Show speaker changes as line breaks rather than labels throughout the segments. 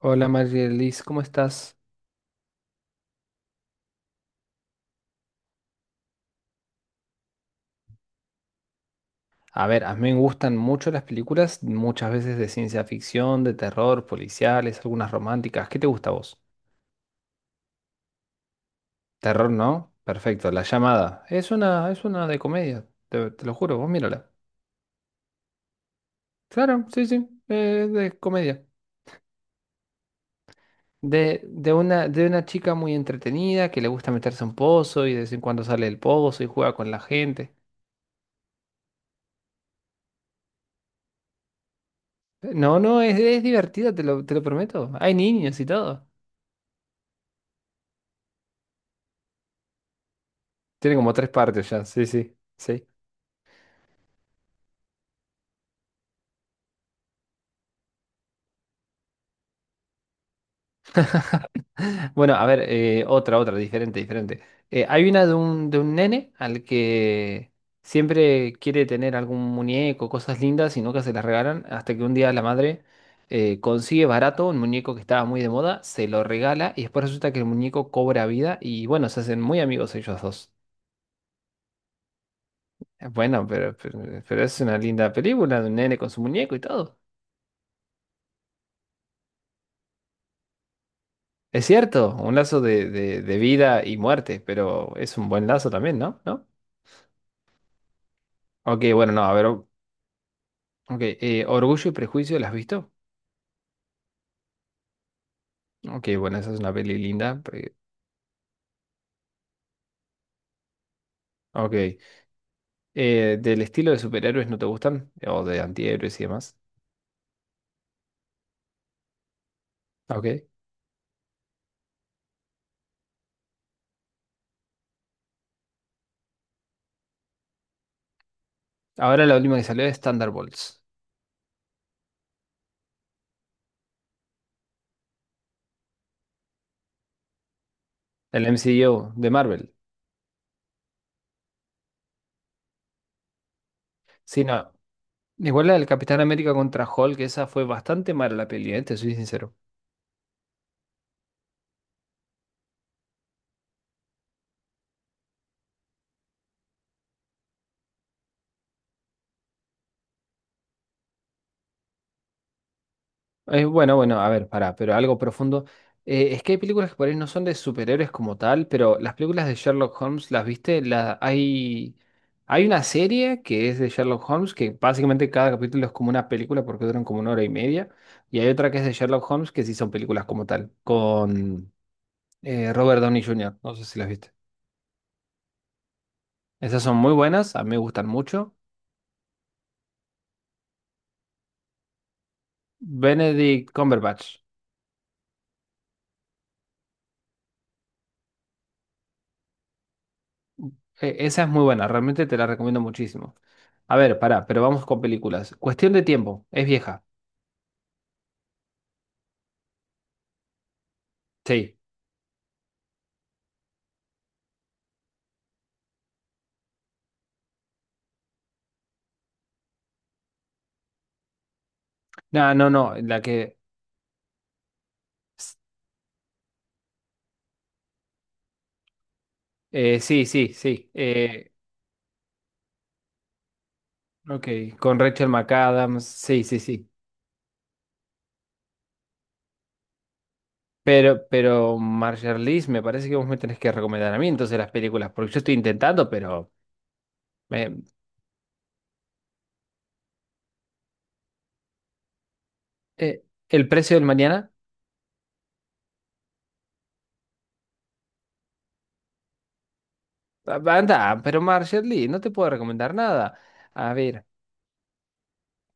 Hola Marielis, ¿cómo estás? A ver, a mí me gustan mucho las películas, muchas veces de ciencia ficción, de terror, policiales, algunas románticas. ¿Qué te gusta a vos? Terror, ¿no? Perfecto, La Llamada. Es una de comedia, te lo juro, vos mírala. Claro, sí, sí, de comedia. De una chica muy entretenida que le gusta meterse a un pozo y de vez en cuando sale del pozo y juega con la gente. No, no, es divertida, te lo prometo. Hay niños y todo. Tiene como tres partes ya, sí, sí. Sí. Bueno, a ver, otra, otra, diferente, diferente. Hay una de un nene al que siempre quiere tener algún muñeco, cosas lindas y nunca se las regalan, hasta que un día la madre consigue barato un muñeco que estaba muy de moda, se lo regala y después resulta que el muñeco cobra vida y bueno, se hacen muy amigos ellos dos. Bueno, pero es una linda película de un nene con su muñeco y todo. Es cierto, un lazo de vida y muerte, pero es un buen lazo también, ¿no? ¿No? Ok, bueno, no, a ver. Ok, Orgullo y Prejuicio, ¿la has visto? Ok, bueno, esa es una peli linda. Ok, ¿del estilo de superhéroes no te gustan? O de antihéroes y demás. Ok, ahora la última que salió es Thunderbolts, el MCU de Marvel. Sí, no, igual la del Capitán América contra Hulk, esa fue bastante mala la peli, te soy sincero. Bueno, bueno, a ver, pará, pero algo profundo. Es que hay películas que por ahí no son de superhéroes como tal, pero las películas de Sherlock Holmes, ¿las viste? Hay, hay una serie que es de Sherlock Holmes, que básicamente cada capítulo es como una película porque duran como una hora y media, y hay otra que es de Sherlock Holmes que sí son películas como tal, con Robert Downey Jr., no sé si las viste. Esas son muy buenas, a mí me gustan mucho. Benedict Cumberbatch. Esa es muy buena, realmente te la recomiendo muchísimo. A ver, pará, pero vamos con películas. Cuestión de tiempo, es vieja. Sí. No, no, no, la que... sí, sí, sí. Ok, con Rachel McAdams, sí, sí, sí. Pero Marjarlis, me parece que vos me tenés que recomendar a mí entonces las películas, porque yo estoy intentando, pero... eh, eh, El precio del mañana, a- anda, pero Marjarlis, no te puedo recomendar nada. A ver,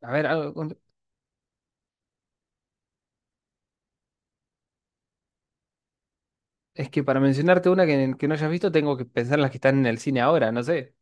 a ver, algo, es que para mencionarte una que no hayas visto, tengo que pensar en las que están en el cine ahora, no sé.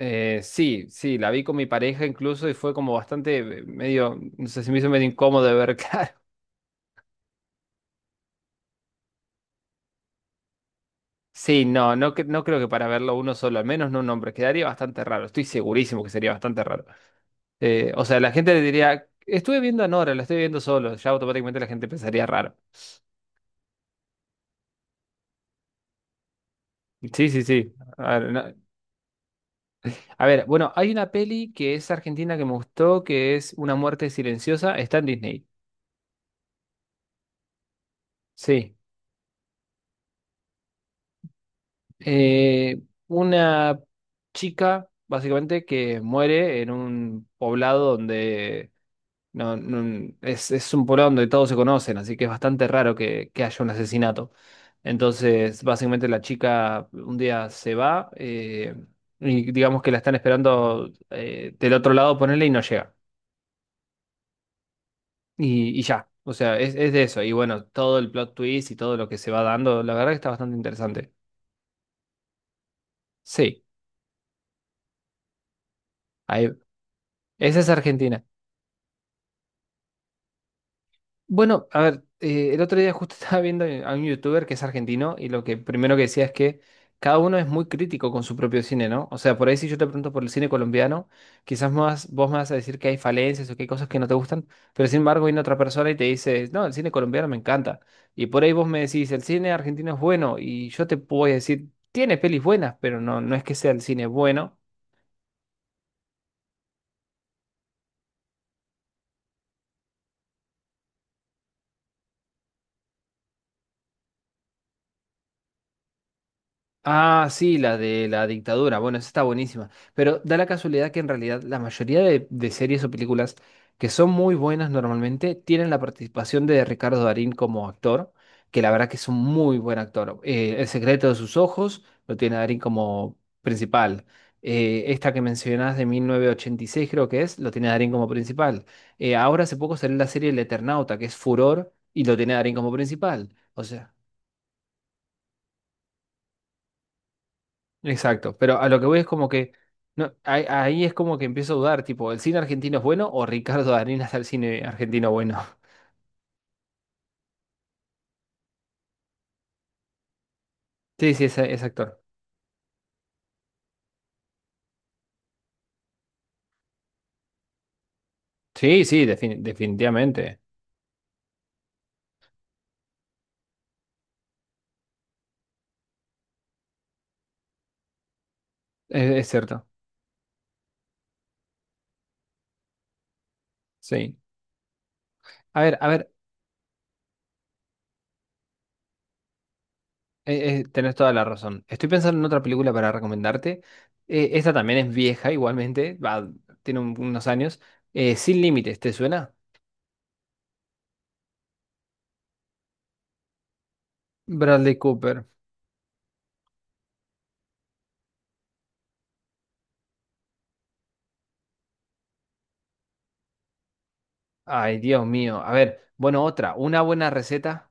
Sí, sí, la vi con mi pareja incluso y fue como bastante medio, no sé, se me hizo medio incómodo de ver, claro. Sí, no, no, no creo que para verlo uno solo, al menos no un hombre, quedaría bastante raro, estoy segurísimo que sería bastante raro. O sea, la gente le diría, estuve viendo a Nora, la estoy viendo solo, ya automáticamente la gente pensaría raro. Sí, sí, sí. A ver, a ver, bueno, hay una peli que es argentina que me gustó, que es Una muerte silenciosa, está en Disney. Sí. Eh, una chica, básicamente, que muere en un poblado donde es un poblado donde todos se conocen, así que es bastante raro que haya un asesinato. Entonces, básicamente, la chica un día se va y digamos que la están esperando del otro lado, ponerle y no llega. Y ya, o sea, es de eso. Y bueno, todo el plot twist y todo lo que se va dando, la verdad que está bastante interesante. Sí, ahí, esa es Argentina. Bueno, a ver, el otro día justo estaba viendo a un youtuber que es argentino y lo que primero que decía es que cada uno es muy crítico con su propio cine, ¿no? O sea, por ahí si yo te pregunto por el cine colombiano, quizás más, vos me vas a decir que hay falencias o que hay cosas que no te gustan, pero sin embargo viene otra persona y te dice, no, el cine colombiano me encanta. Y por ahí vos me decís, el cine argentino es bueno y yo te puedo decir, tiene pelis buenas, pero no, no es que sea el cine bueno. Ah, sí, la de la dictadura. Bueno, esa está buenísima. Pero da la casualidad que en realidad la mayoría de series o películas que son muy buenas normalmente tienen la participación de Ricardo Darín como actor, que la verdad que es un muy buen actor. El secreto de sus ojos lo tiene a Darín como principal. Esta que mencionás de 1986 creo que es, lo tiene a Darín como principal. Ahora hace poco salió la serie El Eternauta, que es furor, y lo tiene a Darín como principal. O sea. Exacto, pero a lo que voy es como que no, ahí es como que empiezo a dudar, tipo, ¿el cine argentino es bueno o Ricardo Darín es el cine argentino bueno? Sí, sí, es actor. Sí, sí, definitivamente. Es cierto, sí. A ver, tenés toda la razón. Estoy pensando en otra película para recomendarte. Esta también es vieja, igualmente, va, tiene unos años. Sin Límites, ¿te suena? Bradley Cooper. Ay, Dios mío. A ver, bueno, otra, una buena receta.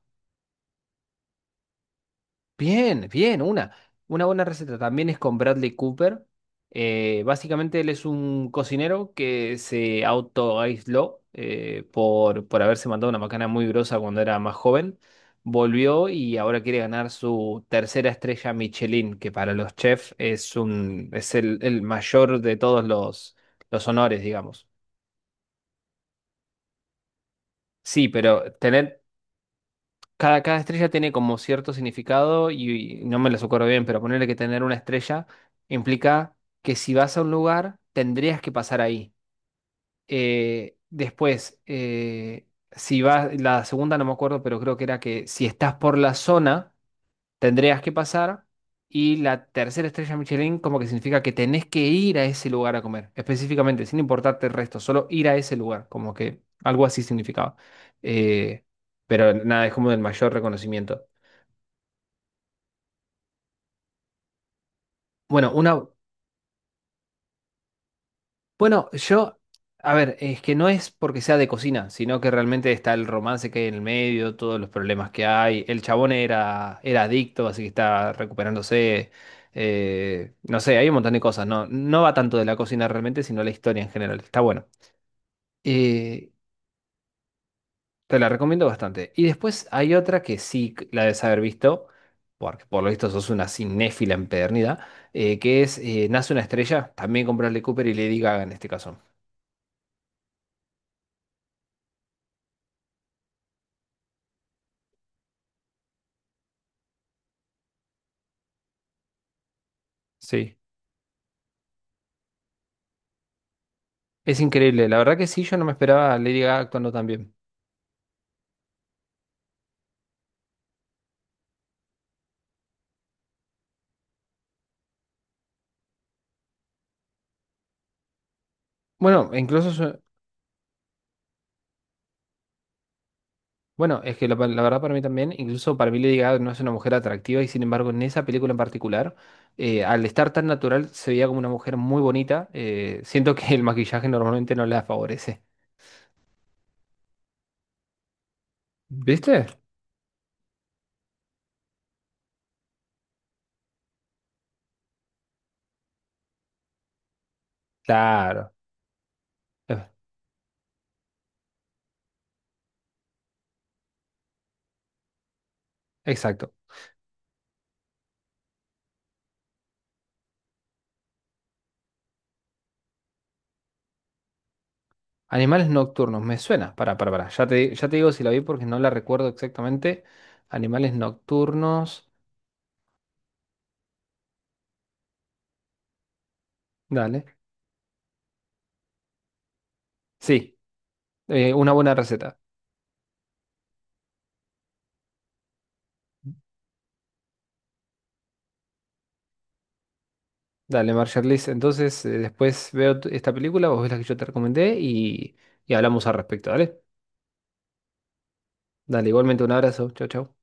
Bien, bien, una buena receta. También es con Bradley Cooper. Básicamente él es un cocinero que se autoaisló por haberse mandado una macana muy grosa cuando era más joven. Volvió y ahora quiere ganar su tercera estrella Michelin, que para los chefs es un, es el mayor de todos los honores, digamos. Sí, pero tener cada, cada estrella tiene como cierto significado y no me las acuerdo bien, pero ponerle que tener una estrella implica que si vas a un lugar tendrías que pasar ahí. Después, si vas, la segunda no me acuerdo, pero creo que era que si estás por la zona tendrías que pasar. Y la tercera estrella Michelin como que significa que tenés que ir a ese lugar a comer, específicamente, sin importarte el resto, solo ir a ese lugar, como que algo así significaba. Eh, pero nada, es como el mayor reconocimiento. Bueno, una, bueno, yo, a ver, es que no es porque sea de cocina, sino que realmente está el romance que hay en el medio, todos los problemas que hay. El chabón era, era adicto, así que está recuperándose. No sé, hay un montón de cosas. No, no va tanto de la cocina realmente, sino la historia en general. Está bueno. Eh, Te la recomiendo bastante. Y después hay otra que sí la debes haber visto, porque por lo visto sos una cinéfila empedernida, que es Nace una estrella, también con Bradley Cooper y Lady Gaga en este caso. Sí, es increíble, la verdad que sí, yo no me esperaba a Lady Gaga actuando tan bien. Bueno, e incluso, bueno, es que la verdad para mí también, incluso para mí Lady Gaga no es una mujer atractiva y sin embargo en esa película en particular, al estar tan natural se veía como una mujer muy bonita, siento que el maquillaje normalmente no la favorece. ¿Viste? Claro, eh, exacto. Animales nocturnos, me suena, para, ya te digo si la vi porque no la recuerdo exactamente. Animales nocturnos, dale. Sí, una buena receta. Dale, Marshall entonces, después veo esta película, vos ves la que yo te recomendé y hablamos al respecto, ¿dale? Dale, igualmente un abrazo. Chau, chau.